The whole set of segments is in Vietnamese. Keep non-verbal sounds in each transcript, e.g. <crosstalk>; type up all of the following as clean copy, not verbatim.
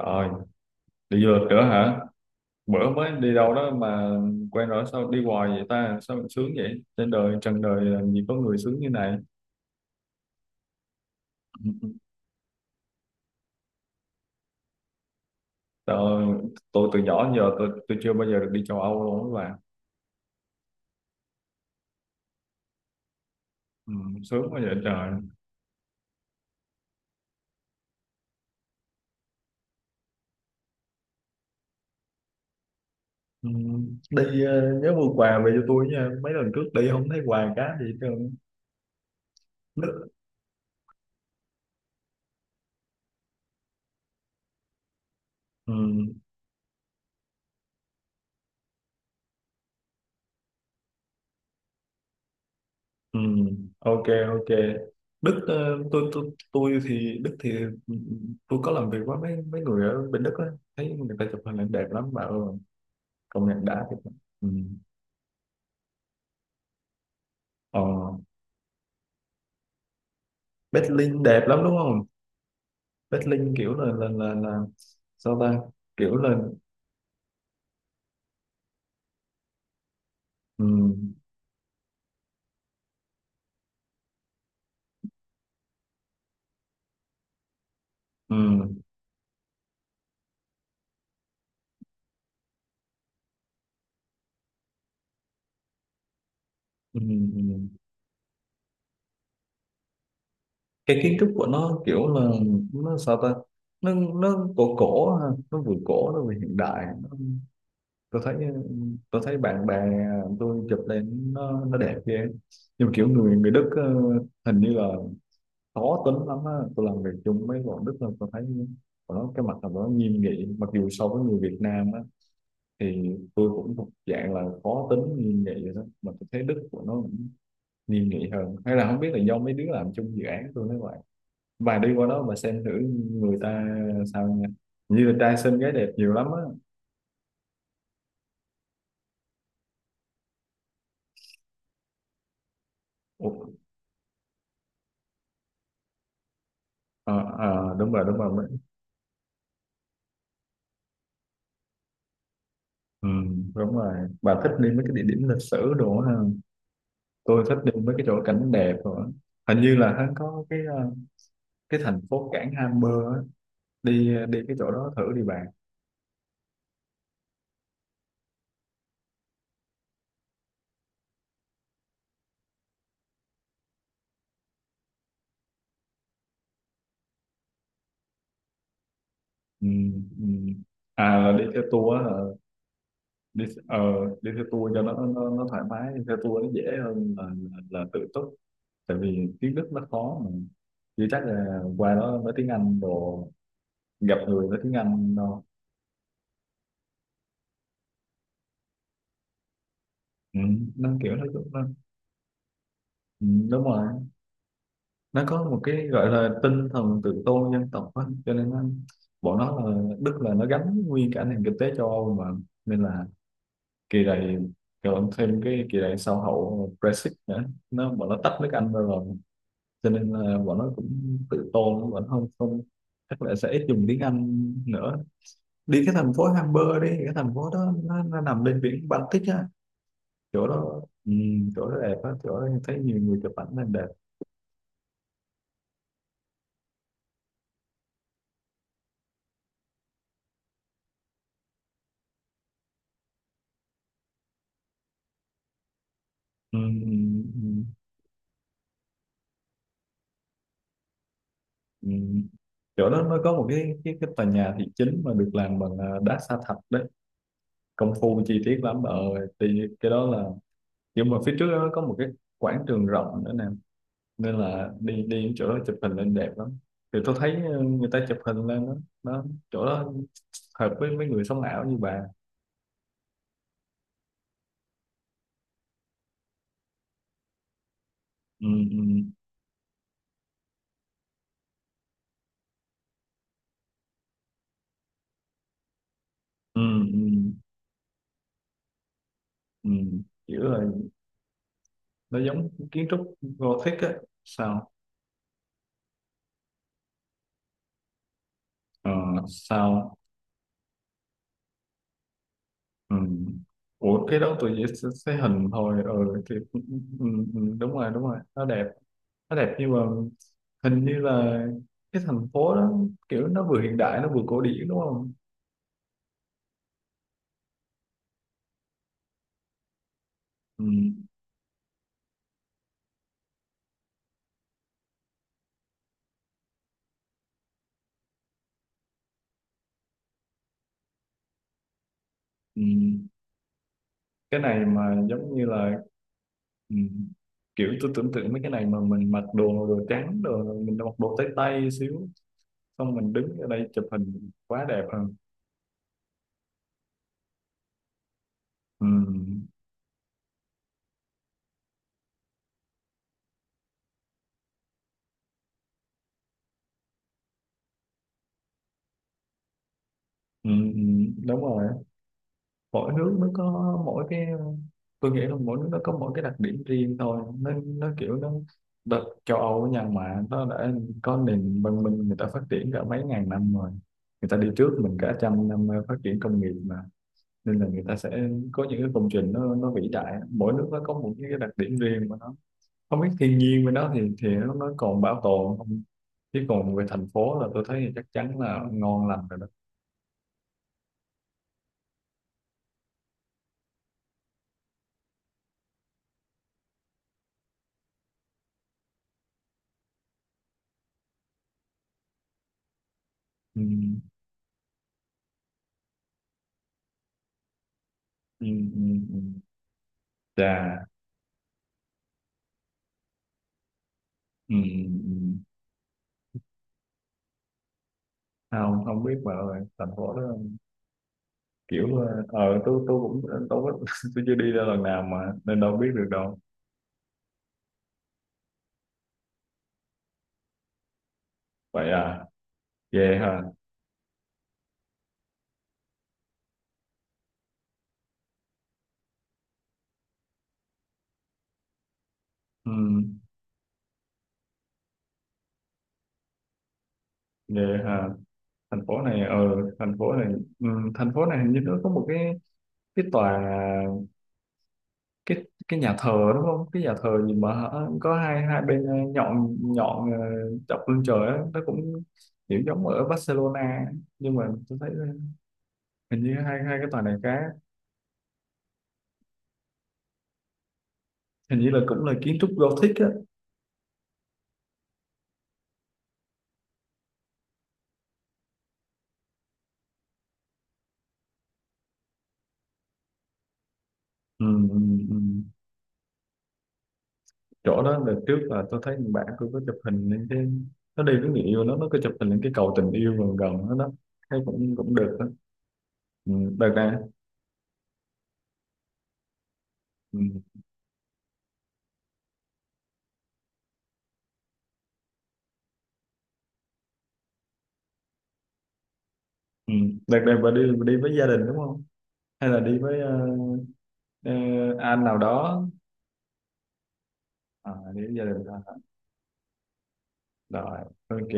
Rồi, đi du lịch nữa hả? Bữa mới đi đâu đó mà quen rồi sao đi hoài vậy ta? Sao mình sướng vậy? Trên đời, trần đời làm gì có người sướng như này. <laughs> Tôi, tôi từ nhỏ đến giờ tôi chưa bao giờ được đi châu Âu luôn các bạn. Ừ, sướng quá vậy trời. Ừ, đi nhớ mua quà về cho tôi nha. Mấy lần trước đi không thấy quà cá gì hết trơn. Ừ. Ừ, ok, ok. Đức, tôi thì Đức thì tôi có làm việc với mấy mấy người ở bên Đức á, thấy người ta chụp hình ảnh đẹp lắm mà ừ, công nhận đã thiệt mà. Ừ. ờ, Berlin đẹp lắm đúng không? Berlin kiểu là sao ta, kiểu là ừ, ừ, ừ, ừ. cái kiến trúc của nó kiểu là nó sao ta, nó cổ cổ ha. Nó vừa cổ nó vừa hiện đại, tôi thấy. Tôi thấy bạn bè tôi chụp lên nó đẹp ghê. Nhưng mà kiểu người người Đức ờ, hình như là khó tính lắm á, tôi làm việc chung với bọn Đức là tôi thấy bọn nó cái mặt là bọn nó nghiêm nghị, mặc dù so với người Việt Nam á thì tôi cũng thuộc dạng là khó tính nghiêm nghị rồi đó, mà tôi thấy Đức của nó cũng nghiêm nghị hơn, hay là không biết là do mấy đứa làm chung dự án tôi nói vậy. Và đi qua đó mà xem thử người ta sao nha, như là trai xinh gái đẹp nhiều lắm á. Ủa, ờ, ờ, đúng rồi, đúng rồi. Ừ, đúng rồi. Bà thích đi mấy cái địa điểm lịch sử đồ ha. Tôi thích đi mấy cái chỗ cảnh đẹp rồi. Hình như là hắn có cái cái thành phố cảng Hamburg á. Đi đi cái chỗ đó thử đi bạn. Ừ, ừ. À là đi theo tour á, ờ, đi đi theo tour cho nó thoải mái, đi theo tour nó dễ hơn là tự túc. Tại vì tiếng Đức nó khó mà. Chứ chắc là qua đó nói tiếng Anh đồ, gặp người nói tiếng Anh đâu. Ừ, nó kiểu nó. Ừ, đúng rồi. Nó có một cái gọi là tinh thần tự tôn dân tộc á, cho nên nó, bọn nó là Đức là nó gắn nguyên cả nền kinh tế châu Âu mà, nên là kỳ này, còn thêm cái kỳ này sau hậu Brexit nữa, nó bọn nó tách nước Anh ra rồi, cho nên là bọn nó cũng tự tôn, bọn nó không không chắc là sẽ ít dùng tiếng Anh nữa. Đi cái thành phố Hamburg, đi cái thành phố đó nó nằm bên biển Baltic á, chỗ đó ừ, chỗ đó đẹp á, chỗ đó em thấy nhiều người chụp ảnh lên đẹp. ừ, ừ, ừ. Ừ. Chỗ đó nó có một cái tòa nhà thị chính mà được làm bằng đá sa thạch đấy, công phu chi tiết lắm. Ở thì cái đó là, nhưng mà phía trước đó nó có một cái quảng trường rộng nữa nè, nên là đi đi đến chỗ đó chụp hình lên đẹp lắm. Thì tôi thấy ờ, người ta chụp hình lên đó, đó, chỗ đó hợp với mấy người sống ảo như bà. ừ, ừ, ừ, ừ, ừ. Kiểu là nó giống kiến trúc Gothic á. Sao? Ờ, sao? Ừ. Ủa, cái đó tôi chỉ sẽ, hình thôi ừ, thì, ừ, ừ, ừ, đúng rồi, đúng rồi, nó đẹp, đẹp nhưng mà hình như là cái thành phố đó kiểu nó vừa hiện đại nó vừa cổ điển đúng không? Ừ, ừ. Cái này mà giống như là ừ, kiểu tôi tưởng tượng mấy cái này mà mình mặc đồ đồ trắng, đồ mình mặc đồ tay tay xíu, xong mình đứng ở đây chụp hình quá đẹp hơn. ừ, ừ, đúng rồi. Mỗi nước nó có mỗi cái, tôi nghĩ là mỗi nước nó có mỗi cái đặc điểm riêng thôi, nó kiểu nó đợt châu Âu ở nhà mà nó đã có nền văn minh, người ta phát triển cả mấy ngàn năm rồi, người ta đi trước mình cả trăm năm phát triển công nghiệp mà, nên là người ta sẽ có những cái công trình nó vĩ đại, mỗi nước nó có một cái đặc điểm riêng của nó, không biết thiên nhiên với nó thì nó còn bảo tồn không, chứ còn về thành phố là tôi thấy thì chắc chắn là ngon lành rồi đó. ừ, ừ, ừ, ừ. Chà, ừ, ừ. Ừ. Không, không biết mà. Thành phố đó kiểu tôi cũng ờ, tôi có- <laughs> tôi chưa đi ra lần nào mà, nên đâu biết được đâu. Vậy à? Về hả? Ừ, về hả? Thành phố này ờ, thành phố này ừ, thành phố này hình như nó có một cái tòa, cái nhà thờ đúng không, cái nhà thờ gì mà hả? Có hai hai bên ờ, nhọn nhọn ờ, chọc lên trời á, nó cũng kiểu giống ở Barcelona, nhưng mà tôi thấy ờ, hình như hai hai cái tòa này cái hình như là cũng là kiến trúc Gothic á. Ừ, ừ, ừ. Chỗ đó là trước là tôi thấy bạn tôi có chụp hình lên cái, nó đi với người yêu nó có chụp hình lên cái cầu tình yêu gần gần đó đó, thấy cũng cũng được đó. Ừ, đợt này ừ, ừ. Đợt này bà đi với gia đình đúng không, hay là đi với ờ, anh nào đó? À, đi với gia đình thôi hả? Rồi, ok,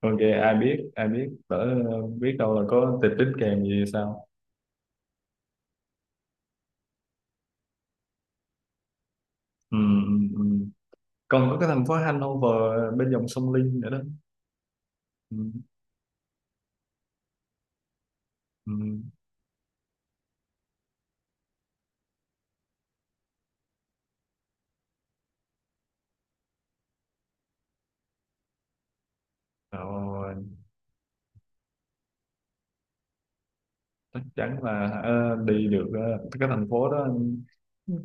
ok. Ai biết đỡ, biết đâu là có tịch tính kèm gì sao. Ừ, ừ, ừ. Còn có cái thành phố Hanover bên dòng sông Linh nữa đó. Ừ, ừ. Rồi, chắc chắn là đi được cái thành phố đó,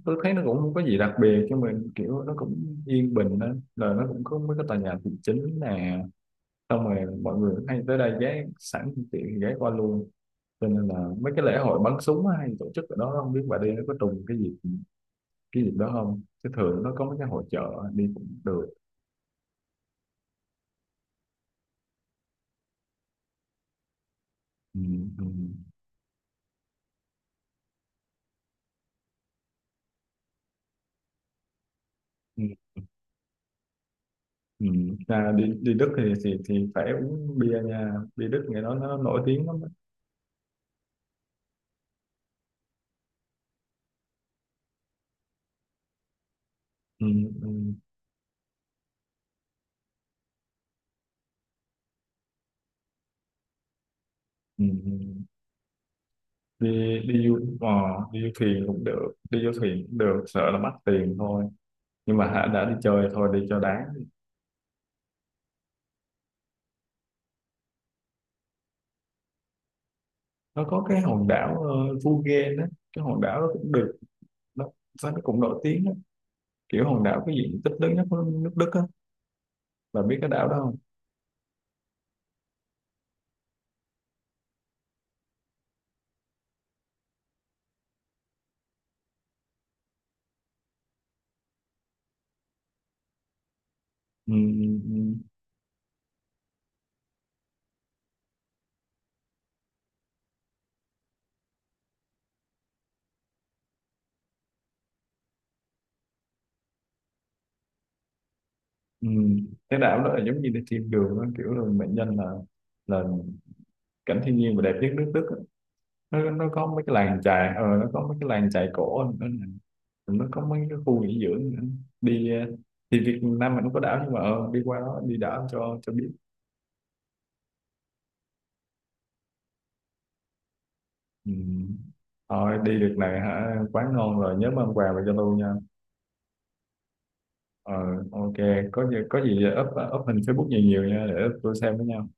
tôi thấy nó cũng không có gì đặc biệt cho mình, kiểu nó cũng yên bình đó, rồi nó cũng có mấy cái tòa nhà thị chính nè, xong rồi mọi người hay tới đây ghé sẵn phương tiện ghé qua luôn, cho nên là mấy cái lễ hội bắn súng á hay tổ chức ở đó, không biết bà đi nó có trùng cái gì cái dịp đó không, chứ thường nó có mấy cái hội chợ đi cũng được. ừ, ừ, ừ, ừ. À, đi đi Đức thì, thì phải uống bia nha, bia Đức ngày đó nó nổi tiếng lắm á. ừ, ừ, ừ. Đi đi du đi du thuyền cũng được, đi du thuyền cũng được, sợ là mất tiền thôi, nhưng mà hả đã đi chơi thôi đi cho đáng. Nó có cái hòn đảo Phú đó, cái hòn đảo đó cũng được đó, sao nó cũng nổi tiếng đó. Kiểu hòn đảo cái diện tích lớn nhất của nước Đức á, bà biết cái đảo đó không? ừ, ừ, ừ. Ừ. Cái đảo đó là giống như đi thiên đường á, kiểu là mệnh danh là cảnh thiên nhiên và đẹp nhất nước Đức á. Nó có mấy cái làng chài ờ, nó có mấy cái làng chài cổ nữa nè. Nó có mấy cái khu nghỉ dưỡng nữa. Đi ờ, thì Việt Nam mình cũng có đảo, nhưng mà ờ, đi qua đó đi đảo cho biết. Ừ. Thôi đi được này hả, quá ngon rồi, nhớ mang quà về cho tôi nha. Ờ, ok. Có gì có gì up up hình Facebook nhiều nhiều nha, để tôi xem với nhau.